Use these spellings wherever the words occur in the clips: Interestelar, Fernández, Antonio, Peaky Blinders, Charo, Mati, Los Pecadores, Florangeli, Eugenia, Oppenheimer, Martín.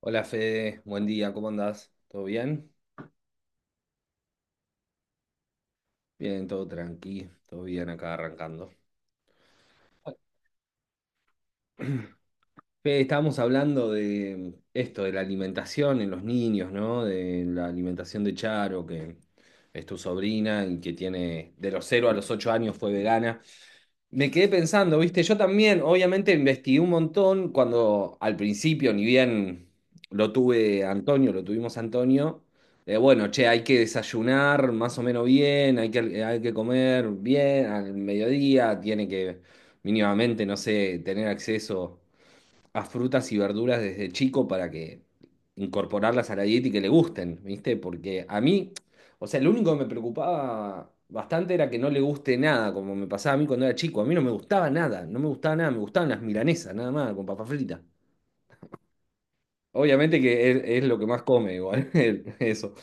Hola Fede, buen día, ¿cómo andás? ¿Todo bien? Bien, todo tranqui, todo bien acá arrancando. Fede, estábamos hablando de esto, de la alimentación en los niños, ¿no? De la alimentación de Charo, que es tu sobrina y que tiene de los 0 a los 8 años fue vegana. Me quedé pensando, viste, yo también obviamente investigué un montón cuando al principio, ni bien lo tuvimos Antonio, bueno, che, hay que desayunar más o menos bien, hay que comer bien al mediodía, tiene que mínimamente, no sé, tener acceso a frutas y verduras desde chico para que incorporarlas a la dieta y que le gusten, ¿viste? Porque a mí, o sea, lo único que me preocupaba bastante era que no le guste nada, como me pasaba a mí cuando era chico. A mí no me gustaba nada, no me gustaba nada, me gustaban las milanesas, nada más, con papa frita. Obviamente que es lo que más come igual, eso.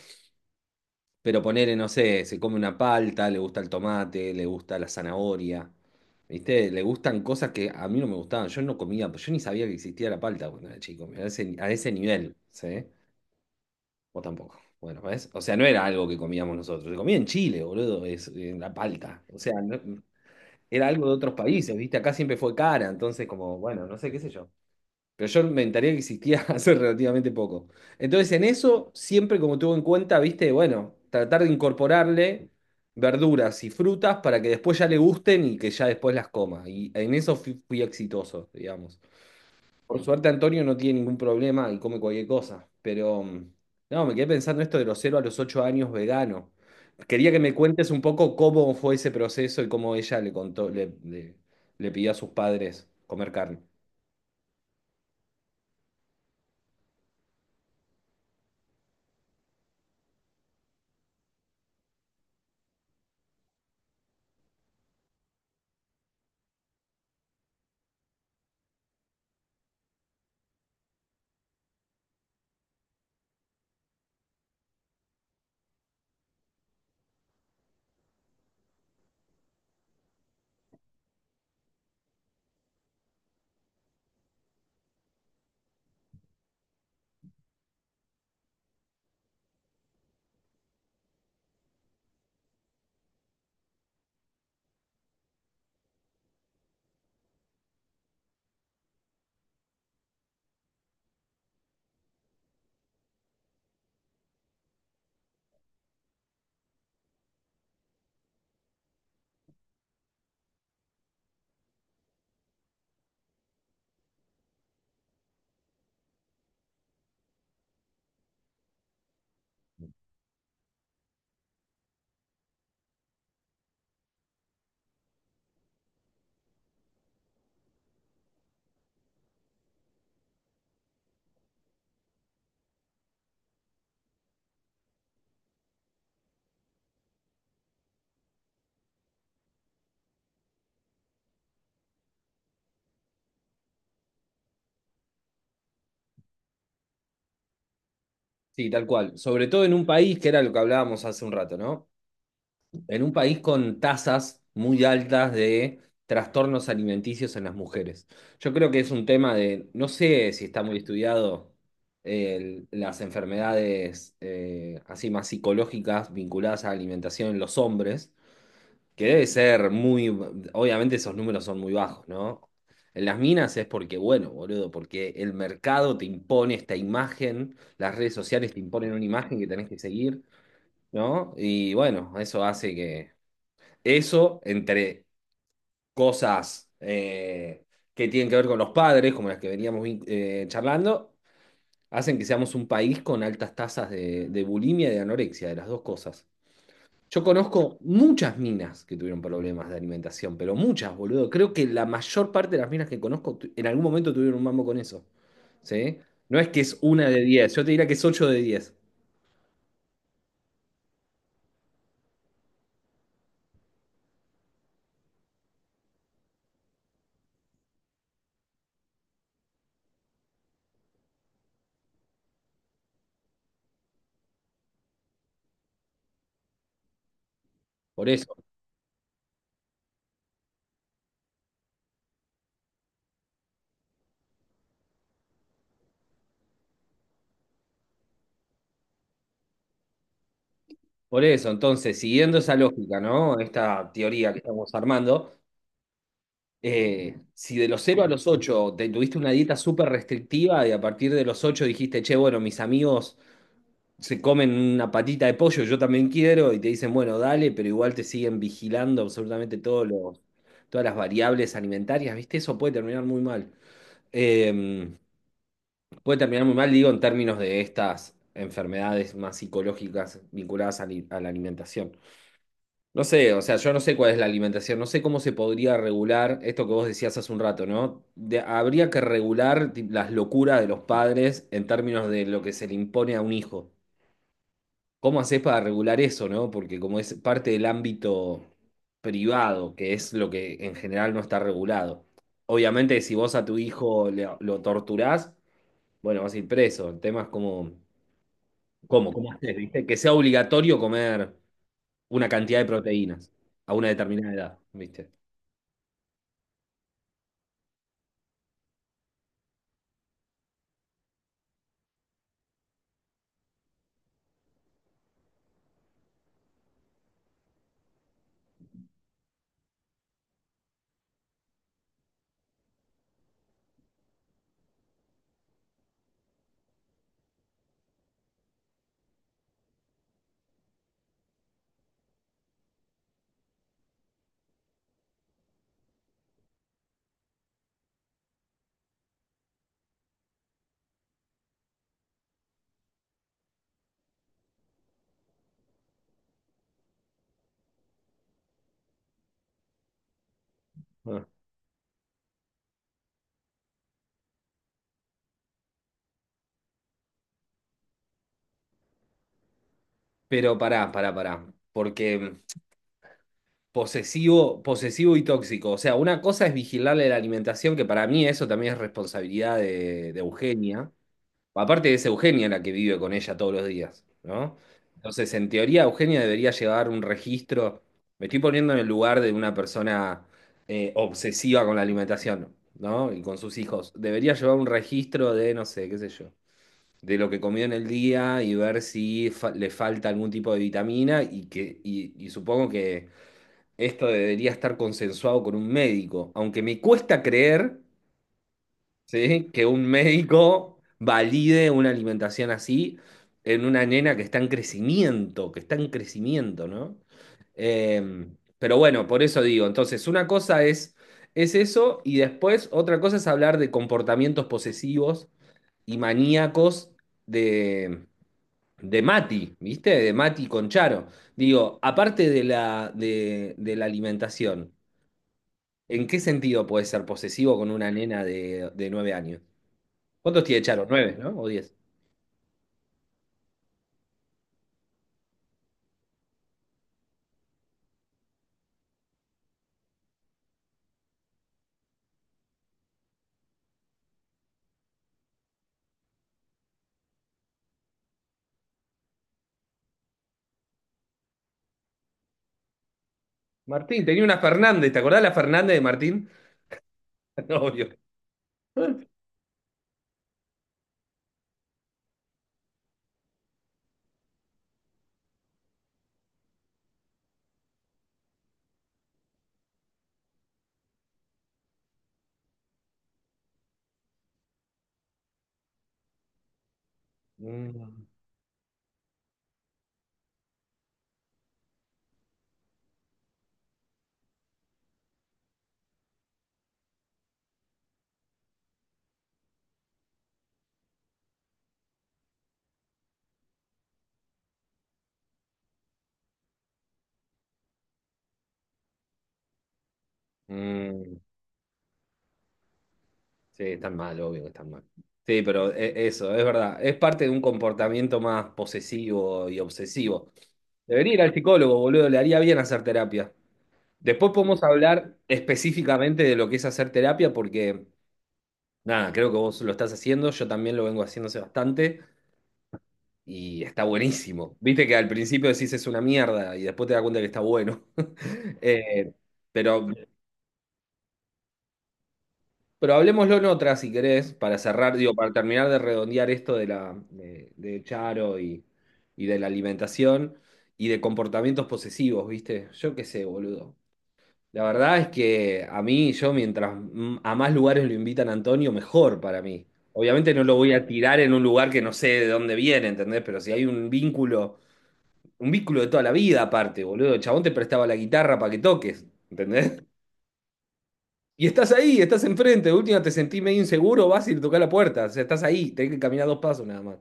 Pero ponele, no sé, se come una palta, le gusta el tomate, le gusta la zanahoria. ¿Viste? Le gustan cosas que a mí no me gustaban. Yo no comía, pues, yo ni sabía que existía la palta cuando era chico. A ese nivel, ¿sí? Vos tampoco. Bueno, ¿ves? O sea, no era algo que comíamos nosotros. Se comía en Chile, boludo, es, en la palta. O sea, era algo de otros países, ¿viste? Acá siempre fue cara, entonces como, bueno, no sé, qué sé yo. Pero yo me enteré que existía hace relativamente poco. Entonces, en eso, siempre como tuve en cuenta, viste, bueno, tratar de incorporarle verduras y frutas para que después ya le gusten y que ya después las coma. Y en eso fui exitoso, digamos. Por suerte, Antonio no tiene ningún problema y come cualquier cosa. Pero, no, me quedé pensando esto de los cero a los 8 años vegano. Quería que me cuentes un poco cómo fue ese proceso y cómo ella le contó, le, le le pidió a sus padres comer carne. Sí, tal cual. Sobre todo en un país, que era lo que hablábamos hace un rato, ¿no? En un país con tasas muy altas de trastornos alimenticios en las mujeres. Yo creo que es un tema de, no sé si está muy estudiado las enfermedades así más psicológicas vinculadas a la alimentación en los hombres, que debe ser muy... Obviamente esos números son muy bajos, ¿no? En las minas es porque, bueno, boludo, porque el mercado te impone esta imagen, las redes sociales te imponen una imagen que tenés que seguir, ¿no? Y bueno, eso hace que... Eso entre cosas que tienen que ver con los padres, como las que veníamos charlando, hacen que seamos un país con altas tasas de bulimia y de anorexia, de las dos cosas. Yo conozco muchas minas que tuvieron problemas de alimentación, pero muchas, boludo. Creo que la mayor parte de las minas que conozco en algún momento tuvieron un mambo con eso. ¿Sí? No es que es una de 10, yo te diría que es 8 de 10. Por eso, por eso. Entonces, siguiendo esa lógica, ¿no? Esta teoría que estamos armando, si de los 0 a los 8 te tuviste una dieta súper restrictiva y a partir de los 8 dijiste, che, bueno, mis amigos se comen una patita de pollo, yo también quiero, y te dicen, bueno, dale, pero igual te siguen vigilando absolutamente todos los, todas las variables alimentarias, ¿viste? Eso puede terminar muy mal. Eh, Puede terminar muy mal, digo, en términos de estas enfermedades más psicológicas vinculadas a, a la alimentación. No sé, o sea, yo no sé cuál es la alimentación, no sé cómo se podría regular esto que vos decías hace un rato, ¿no? Habría que regular las locuras de los padres en términos de lo que se le impone a un hijo. ¿Cómo haces para regular eso, no? Porque como es parte del ámbito privado, que es lo que en general no está regulado. Obviamente, si vos a tu hijo lo torturás, bueno, vas a ir preso. El tema es como, ¿cómo? ¿Cómo haces, viste? Que sea obligatorio comer una cantidad de proteínas a una determinada edad, ¿viste? Ah. Pero pará, pará, pará. Porque posesivo, posesivo y tóxico. O sea, una cosa es vigilarle la alimentación, que para mí eso también es responsabilidad de Eugenia. Aparte es Eugenia la que vive con ella todos los días, ¿no? Entonces, en teoría, Eugenia debería llevar un registro. Me estoy poniendo en el lugar de una persona obsesiva con la alimentación, ¿no? Y con sus hijos. Debería llevar un registro de, no sé, qué sé yo, de lo que comió en el día y ver si le falta algún tipo de vitamina y y supongo que esto debería estar consensuado con un médico. Aunque me cuesta creer, ¿sí? Que un médico valide una alimentación así en una nena que está en crecimiento, que está en crecimiento, ¿no? Eh, pero bueno, por eso digo, entonces una cosa es eso y después otra cosa es hablar de comportamientos posesivos y maníacos de, de Mati, ¿viste? De Mati con Charo. Digo, aparte de la alimentación. ¿En qué sentido puede ser posesivo con una nena de 9 años? ¿Cuántos tiene Charo? ¿9, no? ¿O 10? Martín, tenía una Fernández, ¿te acordás la Fernández de Martín? Obvio. Mm, mm, sí, están mal, obvio que están mal. Sí, pero eso, es verdad. Es parte de un comportamiento más posesivo y obsesivo. Debería ir al psicólogo, boludo, le haría bien hacer terapia. Después podemos hablar específicamente de lo que es hacer terapia, porque nada, creo que vos lo estás haciendo, yo también lo vengo haciendo hace bastante y está buenísimo. Viste que al principio decís es una mierda y después te das cuenta que está bueno. Eh, pero, pero hablemoslo en otra, si querés, para cerrar, digo, para terminar de redondear esto de la de Charo y de la alimentación y de comportamientos posesivos, ¿viste? Yo qué sé, boludo. La verdad es que a mí, yo mientras a más lugares lo invitan a Antonio, mejor para mí. Obviamente no lo voy a tirar en un lugar que no sé de dónde viene, ¿entendés? Pero si hay un vínculo de toda la vida aparte, boludo. El chabón te prestaba la guitarra para que toques, ¿entendés? Y estás ahí, estás enfrente, de última te sentís medio inseguro, vas y le tocás la puerta, o sea, estás ahí, tenés que caminar dos pasos nada más.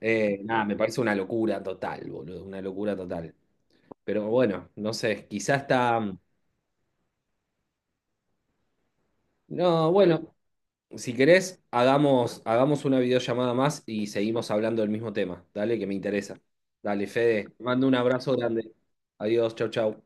Nada, me parece una locura total, boludo, una locura total. Pero bueno, no sé, quizás está... No, bueno, si querés, hagamos una videollamada más y seguimos hablando del mismo tema. Dale, que me interesa. Dale, Fede, te mando un abrazo grande. Adiós, chau, chau.